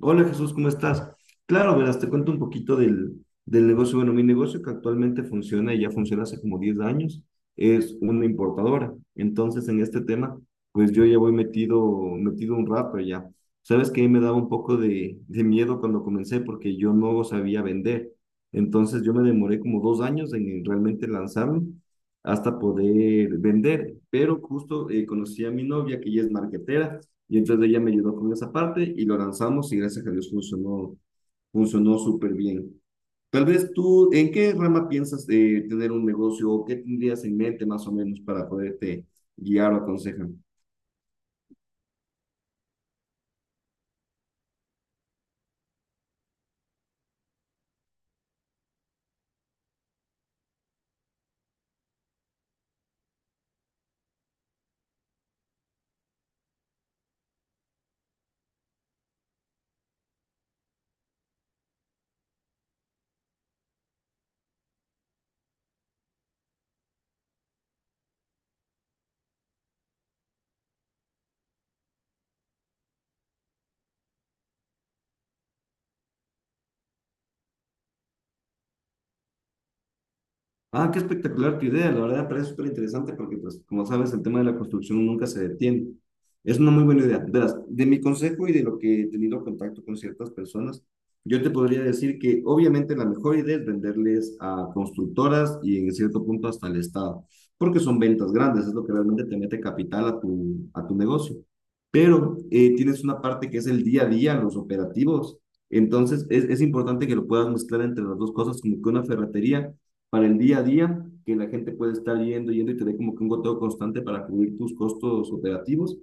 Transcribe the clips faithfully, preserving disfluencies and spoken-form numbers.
Hola Jesús, ¿cómo estás? Claro, verás, te cuento un poquito del, del negocio. Bueno, mi negocio que actualmente funciona y ya funciona hace como diez años es una importadora. Entonces, en este tema, pues yo ya voy metido, metido un rato ya. Sabes que me daba un poco de, de miedo cuando comencé porque yo no sabía vender. Entonces, yo me demoré como dos años en realmente lanzarlo hasta poder vender. Pero justo eh, conocí a mi novia que ella es marketera y entonces ella me ayudó con esa parte y lo lanzamos y gracias a Dios funcionó, funcionó súper bien. Tal vez tú, ¿en qué rama piensas eh, tener un negocio o qué tendrías en mente más o menos para poderte guiar o aconsejar? Ah, qué espectacular tu idea, la verdad parece súper interesante porque, pues, como sabes, el tema de la construcción nunca se detiene. Es una muy buena idea. Verás, de mi consejo y de lo que he tenido contacto con ciertas personas, yo te podría decir que obviamente la mejor idea es venderles a constructoras y en cierto punto hasta al Estado, porque son ventas grandes, es lo que realmente te mete capital a tu, a tu negocio. Pero eh, tienes una parte que es el día a día, los operativos. Entonces, es, es importante que lo puedas mezclar entre las dos cosas, como que una ferretería para el día a día, que la gente puede estar yendo, yendo y tener como que un goteo constante para cubrir tus costos operativos.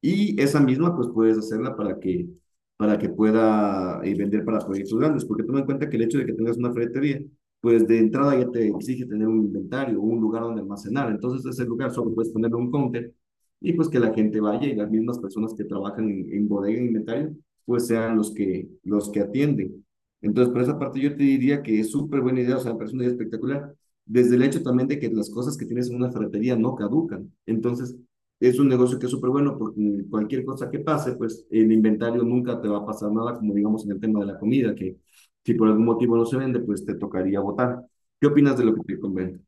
Y esa misma, pues puedes hacerla para que, para que pueda eh, vender para proyectos grandes, porque toma en cuenta que el hecho de que tengas una ferretería, pues de entrada ya te exige tener un inventario, un lugar donde almacenar. Entonces, ese lugar solo puedes ponerle un counter y pues que la gente vaya y las mismas personas que trabajan en, en bodega, en inventario, pues sean los que, los que atienden. Entonces, por esa parte yo te diría que es súper buena idea, o sea, me parece una idea espectacular, desde el hecho también de que las cosas que tienes en una ferretería no caducan. Entonces, es un negocio que es súper bueno porque cualquier cosa que pase, pues el inventario nunca te va a pasar nada, como digamos en el tema de la comida, que si por algún motivo no se vende, pues te tocaría botar. ¿Qué opinas de lo que te convence?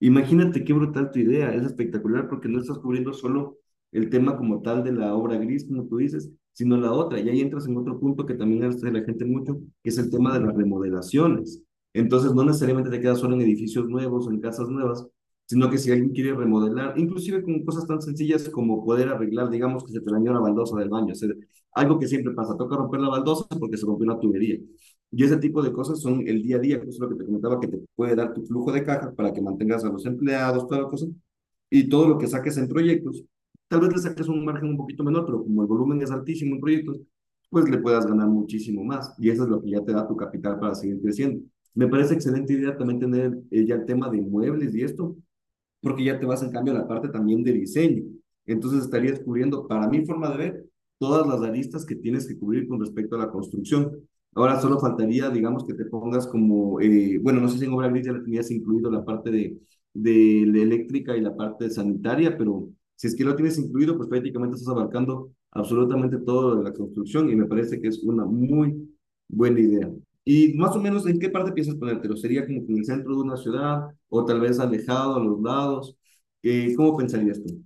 Imagínate qué brutal tu idea, es espectacular porque no estás cubriendo solo el tema como tal de la obra gris, como tú dices, sino la otra. Y ahí entras en otro punto que también hace la gente mucho, que es el tema de las remodelaciones. Entonces, no necesariamente te quedas solo en edificios nuevos o en casas nuevas, sino que si alguien quiere remodelar, inclusive con cosas tan sencillas como poder arreglar, digamos que se te dañó la baldosa del baño, o sea, algo que siempre pasa, toca romper la baldosa porque se rompió una tubería. Y ese tipo de cosas son el día a día, que es lo que te comentaba, que te puede dar tu flujo de caja para que mantengas a los empleados, toda la cosa. Y todo lo que saques en proyectos, tal vez le saques un margen un poquito menor, pero como el volumen es altísimo en proyectos, pues le puedas ganar muchísimo más. Y eso es lo que ya te da tu capital para seguir creciendo. Me parece excelente idea también tener eh, ya el tema de inmuebles y esto, porque ya te vas en cambio a la parte también de diseño. Entonces estarías cubriendo, para mi forma de ver, todas las aristas que tienes que cubrir con respecto a la construcción. Ahora solo faltaría, digamos, que te pongas como, eh, bueno, no sé si en obra gris ya le tenías incluido la parte de, de la eléctrica y la parte sanitaria, pero si es que lo tienes incluido, pues prácticamente estás abarcando absolutamente todo de la construcción y me parece que es una muy buena idea. Y más o menos, ¿en qué parte piensas ponértelo? ¿Sería como que en el centro de una ciudad o tal vez alejado, a los lados? Eh, ¿cómo pensarías tú?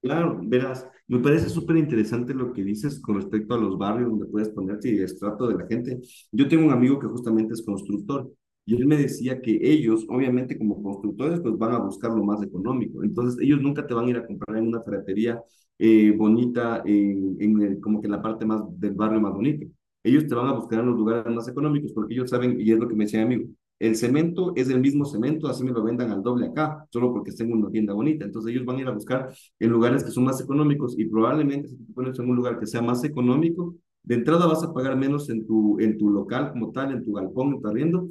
Claro, verás, me parece súper interesante lo que dices con respecto a los barrios donde puedes ponerte y el estrato de la gente. Yo tengo un amigo que justamente es constructor y él me decía que ellos, obviamente como constructores, pues van a buscar lo más económico. Entonces, ellos nunca te van a ir a comprar en una ferretería eh, bonita, en, en el- como que en la parte más del barrio más bonito. Ellos te van a buscar en los lugares más económicos porque ellos saben, y es lo que me decía mi amigo, el cemento es el mismo cemento, así me lo vendan al doble acá, solo porque tengo una tienda bonita. Entonces, ellos van a ir a buscar en lugares que son más económicos y probablemente si te pones en un lugar que sea más económico, de entrada vas a pagar menos en tu, en tu local como tal, en tu galpón, en tu arriendo,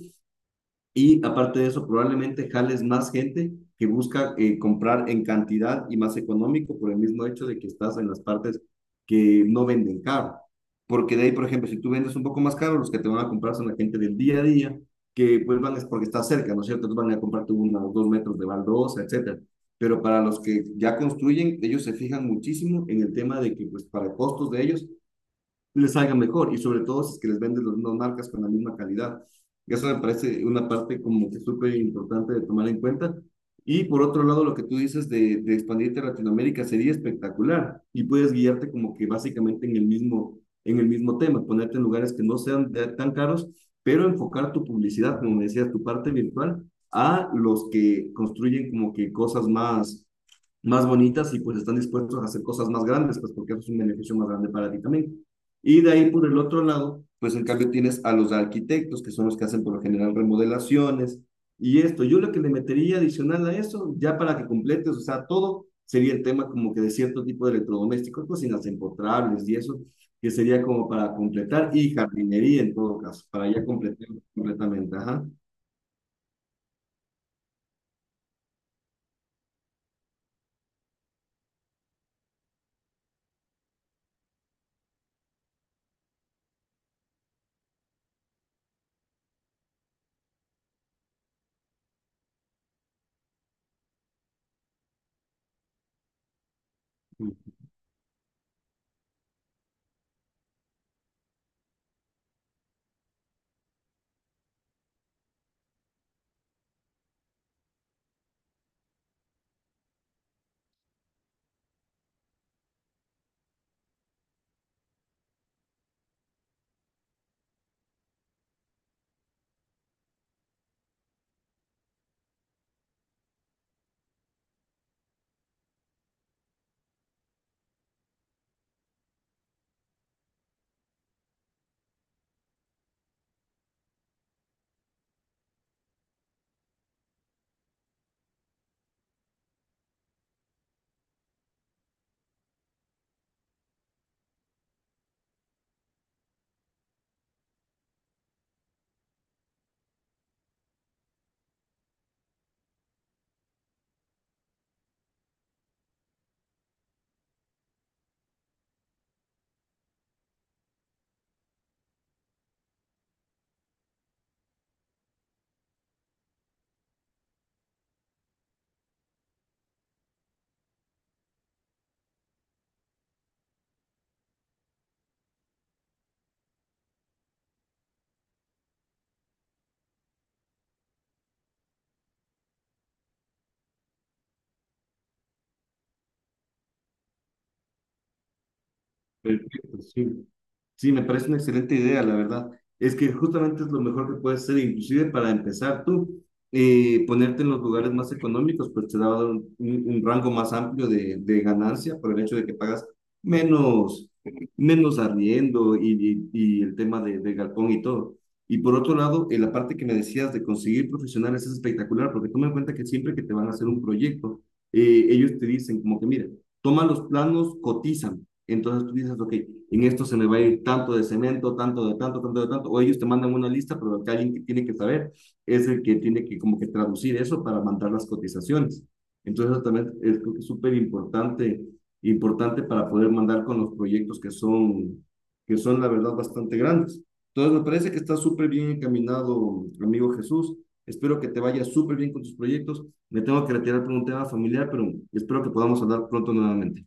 y aparte de eso, probablemente jales más gente que busca eh, comprar en cantidad y más económico por el mismo hecho de que estás en las partes que no venden caro. Porque de ahí, por ejemplo, si tú vendes un poco más caro, los que te van a comprar son la gente del día a día, que pues van es porque está cerca, ¿no es cierto? Entonces van a comprarte unos dos metros de baldosa, etcétera. Pero para los que ya construyen, ellos se fijan muchísimo en el tema de que, pues, para costos de ellos, les salga mejor y sobre todo si es que les venden las mismas marcas con la misma calidad. Eso me parece una parte como que súper importante de tomar en cuenta. Y por otro lado, lo que tú dices de, de expandirte a Latinoamérica sería espectacular y puedes guiarte como que básicamente en el mismo, en el mismo tema, ponerte en lugares que no sean de- tan caros, pero enfocar tu publicidad, como me decías, tu parte virtual a los que construyen como que cosas más, más bonitas y pues están dispuestos a hacer cosas más grandes, pues porque eso es un beneficio más grande para ti también. Y de ahí por el otro lado, pues en cambio tienes a los arquitectos, que son los que hacen por lo general remodelaciones y esto. Yo lo que le metería adicional a eso, ya para que completes, o sea, todo sería el tema como que de cierto tipo de electrodomésticos, cocinas empotrables y eso, que sería como para completar y jardinería en todo caso, para ya completar completamente. Ajá. Perfecto, sí. Sí, me parece una excelente idea, la verdad. Es que justamente es lo mejor que puedes hacer, inclusive para empezar tú, eh, ponerte en los lugares más económicos, pues te da un, un- un rango más amplio de, de ganancia por el hecho de que pagas menos, menos arriendo y, y, y el tema de, del galpón y todo. Y por otro lado, en la parte que me decías de conseguir profesionales es espectacular, porque toma en cuenta que siempre que te van a hacer un proyecto, eh, ellos te dicen como que, mira, toma los planos, cotiza entonces tú dices, ok, en esto se le va a ir tanto de cemento, tanto de tanto, tanto de tanto, o ellos te mandan una lista, pero el que alguien que tiene que saber es el que tiene que como que traducir eso para mandar las cotizaciones. Entonces eso también es creo que es súper importante, importante para poder mandar con los proyectos que son, que son la verdad bastante grandes. Entonces me parece que está súper bien encaminado, amigo Jesús. Espero que te vaya súper bien con tus proyectos. Me tengo que retirar por un tema familiar, pero espero que podamos hablar pronto nuevamente.